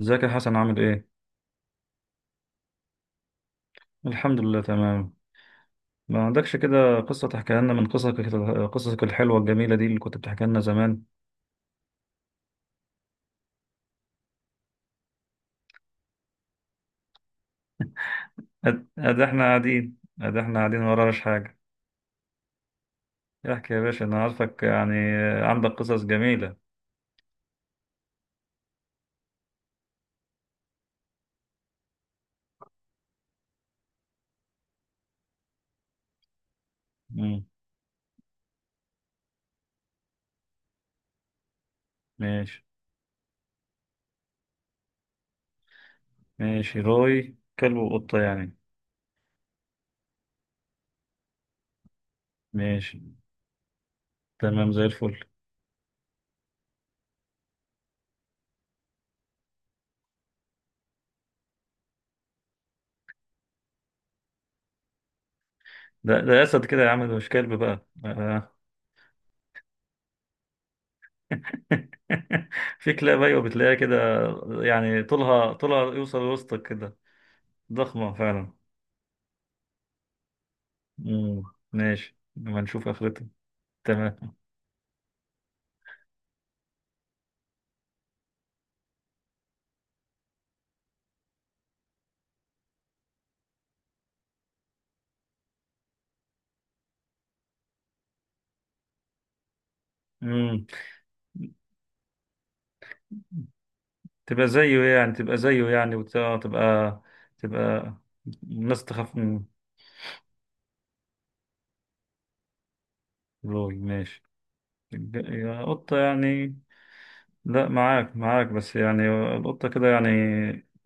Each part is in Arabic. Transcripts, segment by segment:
ازيك يا حسن؟ عامل ايه؟ الحمد لله، تمام. ما عندكش كده قصة تحكيها لنا من قصصك الحلوة الجميلة دي اللي كنت بتحكي لنا زمان. أد احنا قاعدين، ما وراناش حاجة. احكي يا باشا، أنا عارفك يعني، عندك قصص جميلة. مم. ماشي. ماشي، روي كلب وقطة يعني؟ ماشي. تمام، زي الفل. ده أسد كده يا عم، ده مش كلب بقى، آه. في كلاب، أيوة، بتلاقيها كده. يعني طولها يوصل لوسطك كده. ضخمة فعلا. مم. ماشي، لما نشوف آخرته. تمام. مم. تبقى زيه يعني، وتبقى تبقى تبقى الناس تخاف من... لوي، ماشي. يا قطة يعني. لا، معاك معاك بس يعني. القطة كده يعني.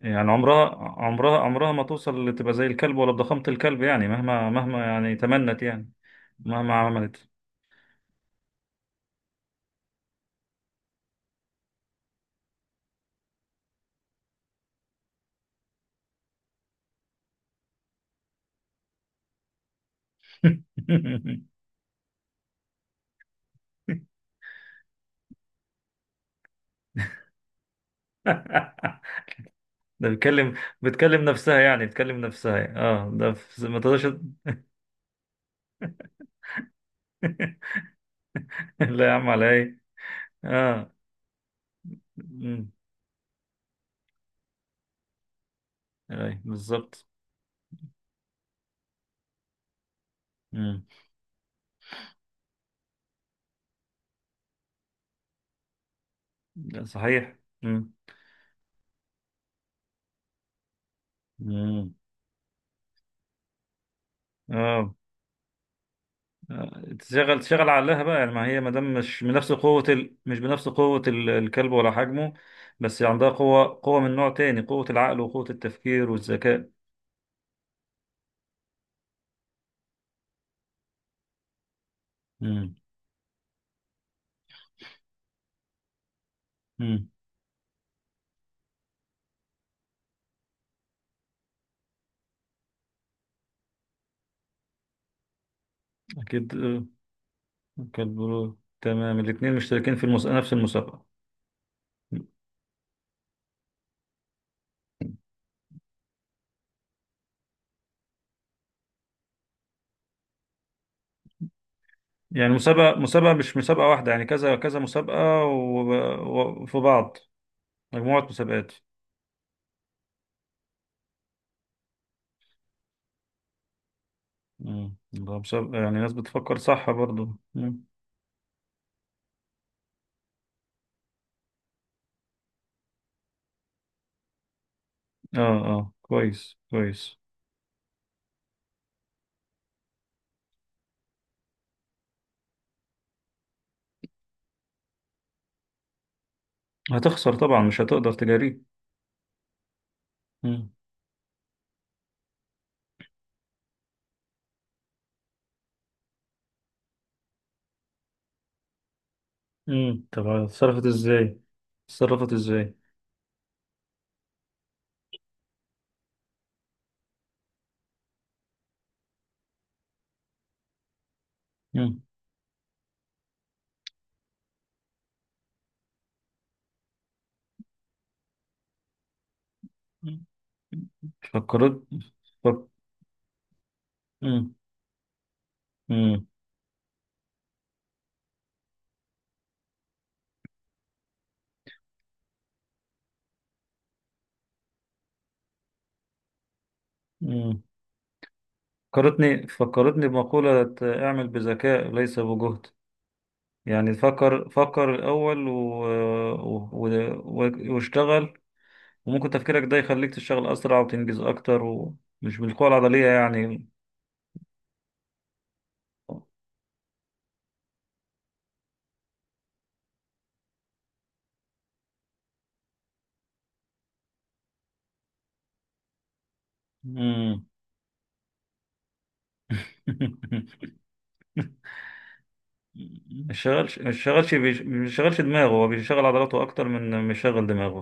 يعني عمرها، ما توصل لتبقى زي الكلب ولا بضخامة الكلب، يعني مهما يعني تمنت يعني. مهما عملت. ده بتكلم نفسها يعني، اه، ده في... ما تقدرش. لا يا عم، على ايه؟ اه، امم. اي بالظبط. امم. لا، صحيح، امم. امم. اه. آه، تشغل عقلها بقى. يعني ما هي ما دام مش بنفس قوة الكلب ولا حجمه. بس عندها قوة من نوع تاني، قوة العقل وقوة التفكير والذكاء. امم. امم. اكيد، آه. كلب. تمام، الاتنين مشتركين في المس... نفس المسابقة. يعني مسابقة مش مسابقة واحدة، يعني كذا كذا مسابقة، وفي بعض. مجموعة مسابقات. مم. ده مسابقة، يعني ناس بتفكر صح برضو. مم. اه، اه، كويس كويس. هتخسر طبعا، مش هتقدر تجاريه. مم. مم. طب اتصرفت ازاي؟ اتصرفت ازاي؟ مم. مم. فكرت. فك... مم. مم. مم. فكرتني بمقولة: اعمل بذكاء ليس بجهد. يعني فكر الأول، و... واشتغل. وممكن تفكيرك ده يخليك تشتغل أسرع وتنجز أكتر، ومش بالقوة العضلية يعني. مم. ما يشغلش دماغه، هو بيشغل عضلاته أكتر من ما يشغل دماغه.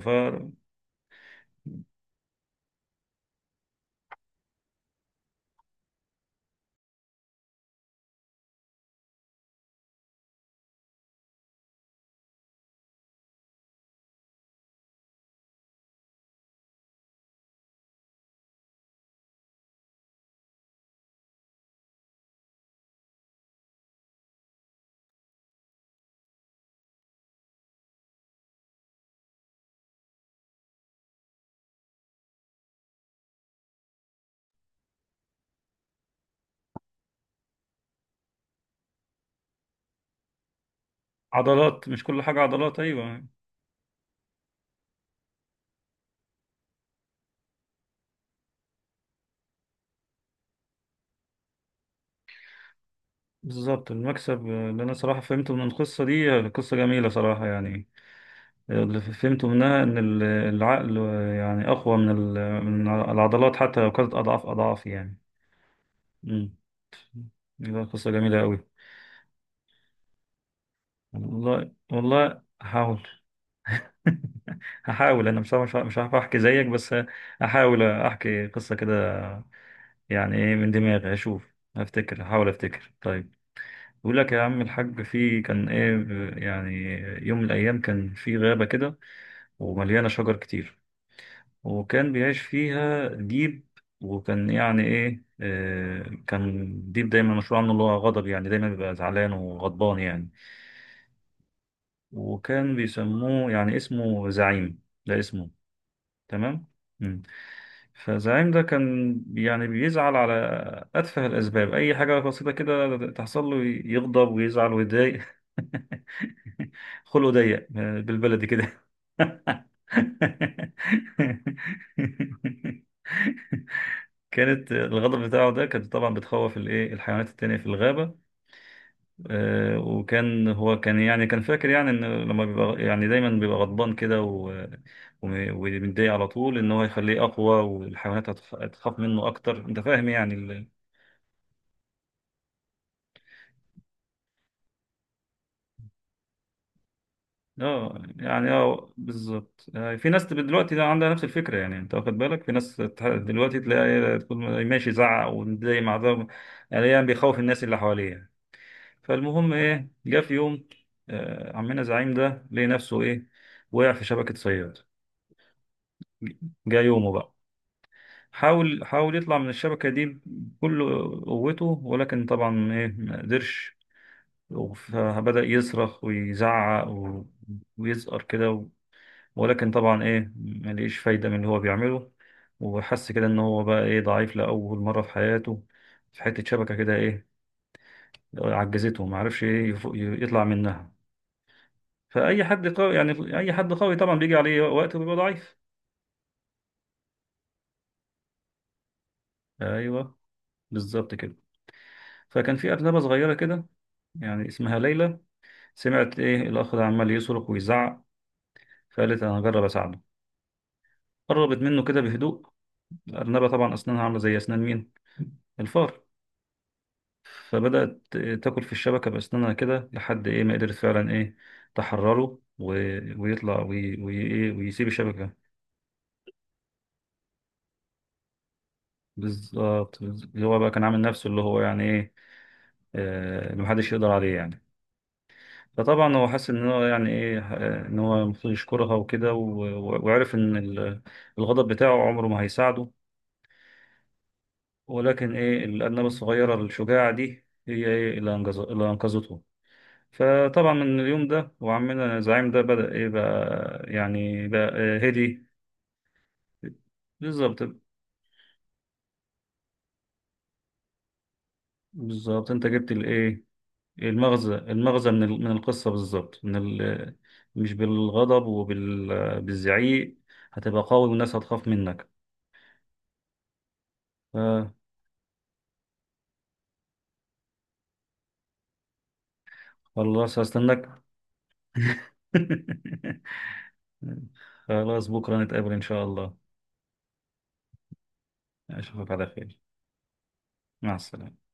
فعضلات مش كل حاجة عضلات، أيوه. بالظبط، المكسب اللي أنا صراحة فهمته من القصة دي، قصة جميلة صراحة يعني، اللي فهمته منها إن العقل يعني أقوى من العضلات، حتى لو كانت أضعاف أضعاف يعني. مم. دي قصة جميلة أوي. والله والله هحاول. هحاول، أنا مش عارف مش هعرف أحكي زيك بس. هحاول أحكي قصة كده. يعني إيه، من دماغي هشوف هفتكر هحاول أفتكر. طيب. بيقول لك يا عم الحاج، في كان إيه يعني، يوم من الأيام كان في غابة كده، ومليانة شجر كتير. وكان بيعيش فيها ديب. وكان يعني ايه، كان ديب دايما مشهور عنه اللي هو غضب، يعني دايما بيبقى زعلان وغضبان يعني. وكان بيسموه يعني اسمه زعيم، ده اسمه. تمام. مم. فزعيم ده كان يعني بيزعل على أتفه الأسباب، أي حاجة بسيطة كده تحصل له يغضب ويزعل ويتضايق. خلقه ضيق، بالبلدي كده. كانت الغدر بتاعه ده كانت طبعا بتخوف الايه الحيوانات التانية في الغابة. وكان هو كان فاكر، يعني ان لما بيبقى يعني دايما بيبقى غضبان كده، ومتضايق على طول، ان هو يخليه اقوى، والحيوانات هتخاف منه اكتر. انت فاهم يعني. اه، يعني اه بالظبط، في ناس تبقى دلوقتي ده عندها نفس الفكرة، يعني انت واخد بالك، في ناس دلوقتي تلاقي تكون ماشي يزعق ومتضايق مع ده، يعني بيخوف الناس اللي حواليه يعني. فالمهم ايه، جه في يوم، عمنا زعيم ده لقي نفسه ايه؟ وقع في شبكة صياد. جه يومه بقى. حاول يطلع من الشبكة دي بكل قوته، ولكن طبعا ايه ما قدرش. فبدأ يصرخ ويزعق، ويزقر كده، ولكن طبعا ايه ما لقيش فايدة من اللي هو بيعمله. وحس كده ان هو بقى ايه ضعيف لأول مرة في حياته، في حتة شبكة كده ايه عجزته، ما عرفش ايه يطلع منها. فأي حد قوي، طبعا بيجي عليه وقت وبيبقى ضعيف. أيوه بالظبط كده. فكان في أرنبة صغيرة كده، يعني اسمها ليلى. سمعت إيه الأخ ده عمال يصرخ ويزعق، فقالت أنا هجرب أساعده. قربت منه كده بهدوء. الأرنبة طبعا أسنانها عاملة زي أسنان مين؟ الفار. فبدأت تاكل في الشبكة بأسنانها كده لحد إيه ما قدرت فعلا إيه تحرره، ويطلع، إيه ويسيب الشبكة. بالظبط بالظبط. اللي هو بقى كان عامل نفسه اللي هو يعني إيه، اللي محدش يقدر عليه يعني. فطبعا هو حس ان هو يعني ايه، ان هو المفروض يشكرها وكده، وعرف ان الغضب بتاعه عمره ما هيساعده، ولكن ايه الارنبه الصغيره الشجاعه دي هي ايه اللي اللي انقذته. فطبعا من اليوم ده وعمنا زعيم ده بدأ ايه بقى يعني بقى هدي. بالظبط. بالظبط، انت جبت الايه. المغزى من القصه بالظبط، مش بالغضب وبالزعيق. هتبقى قوي والناس هتخاف منك. خلاص، هستناك. خلاص، بكرة نتقابل إن شاء الله. أشوفك على خير. مع السلامة.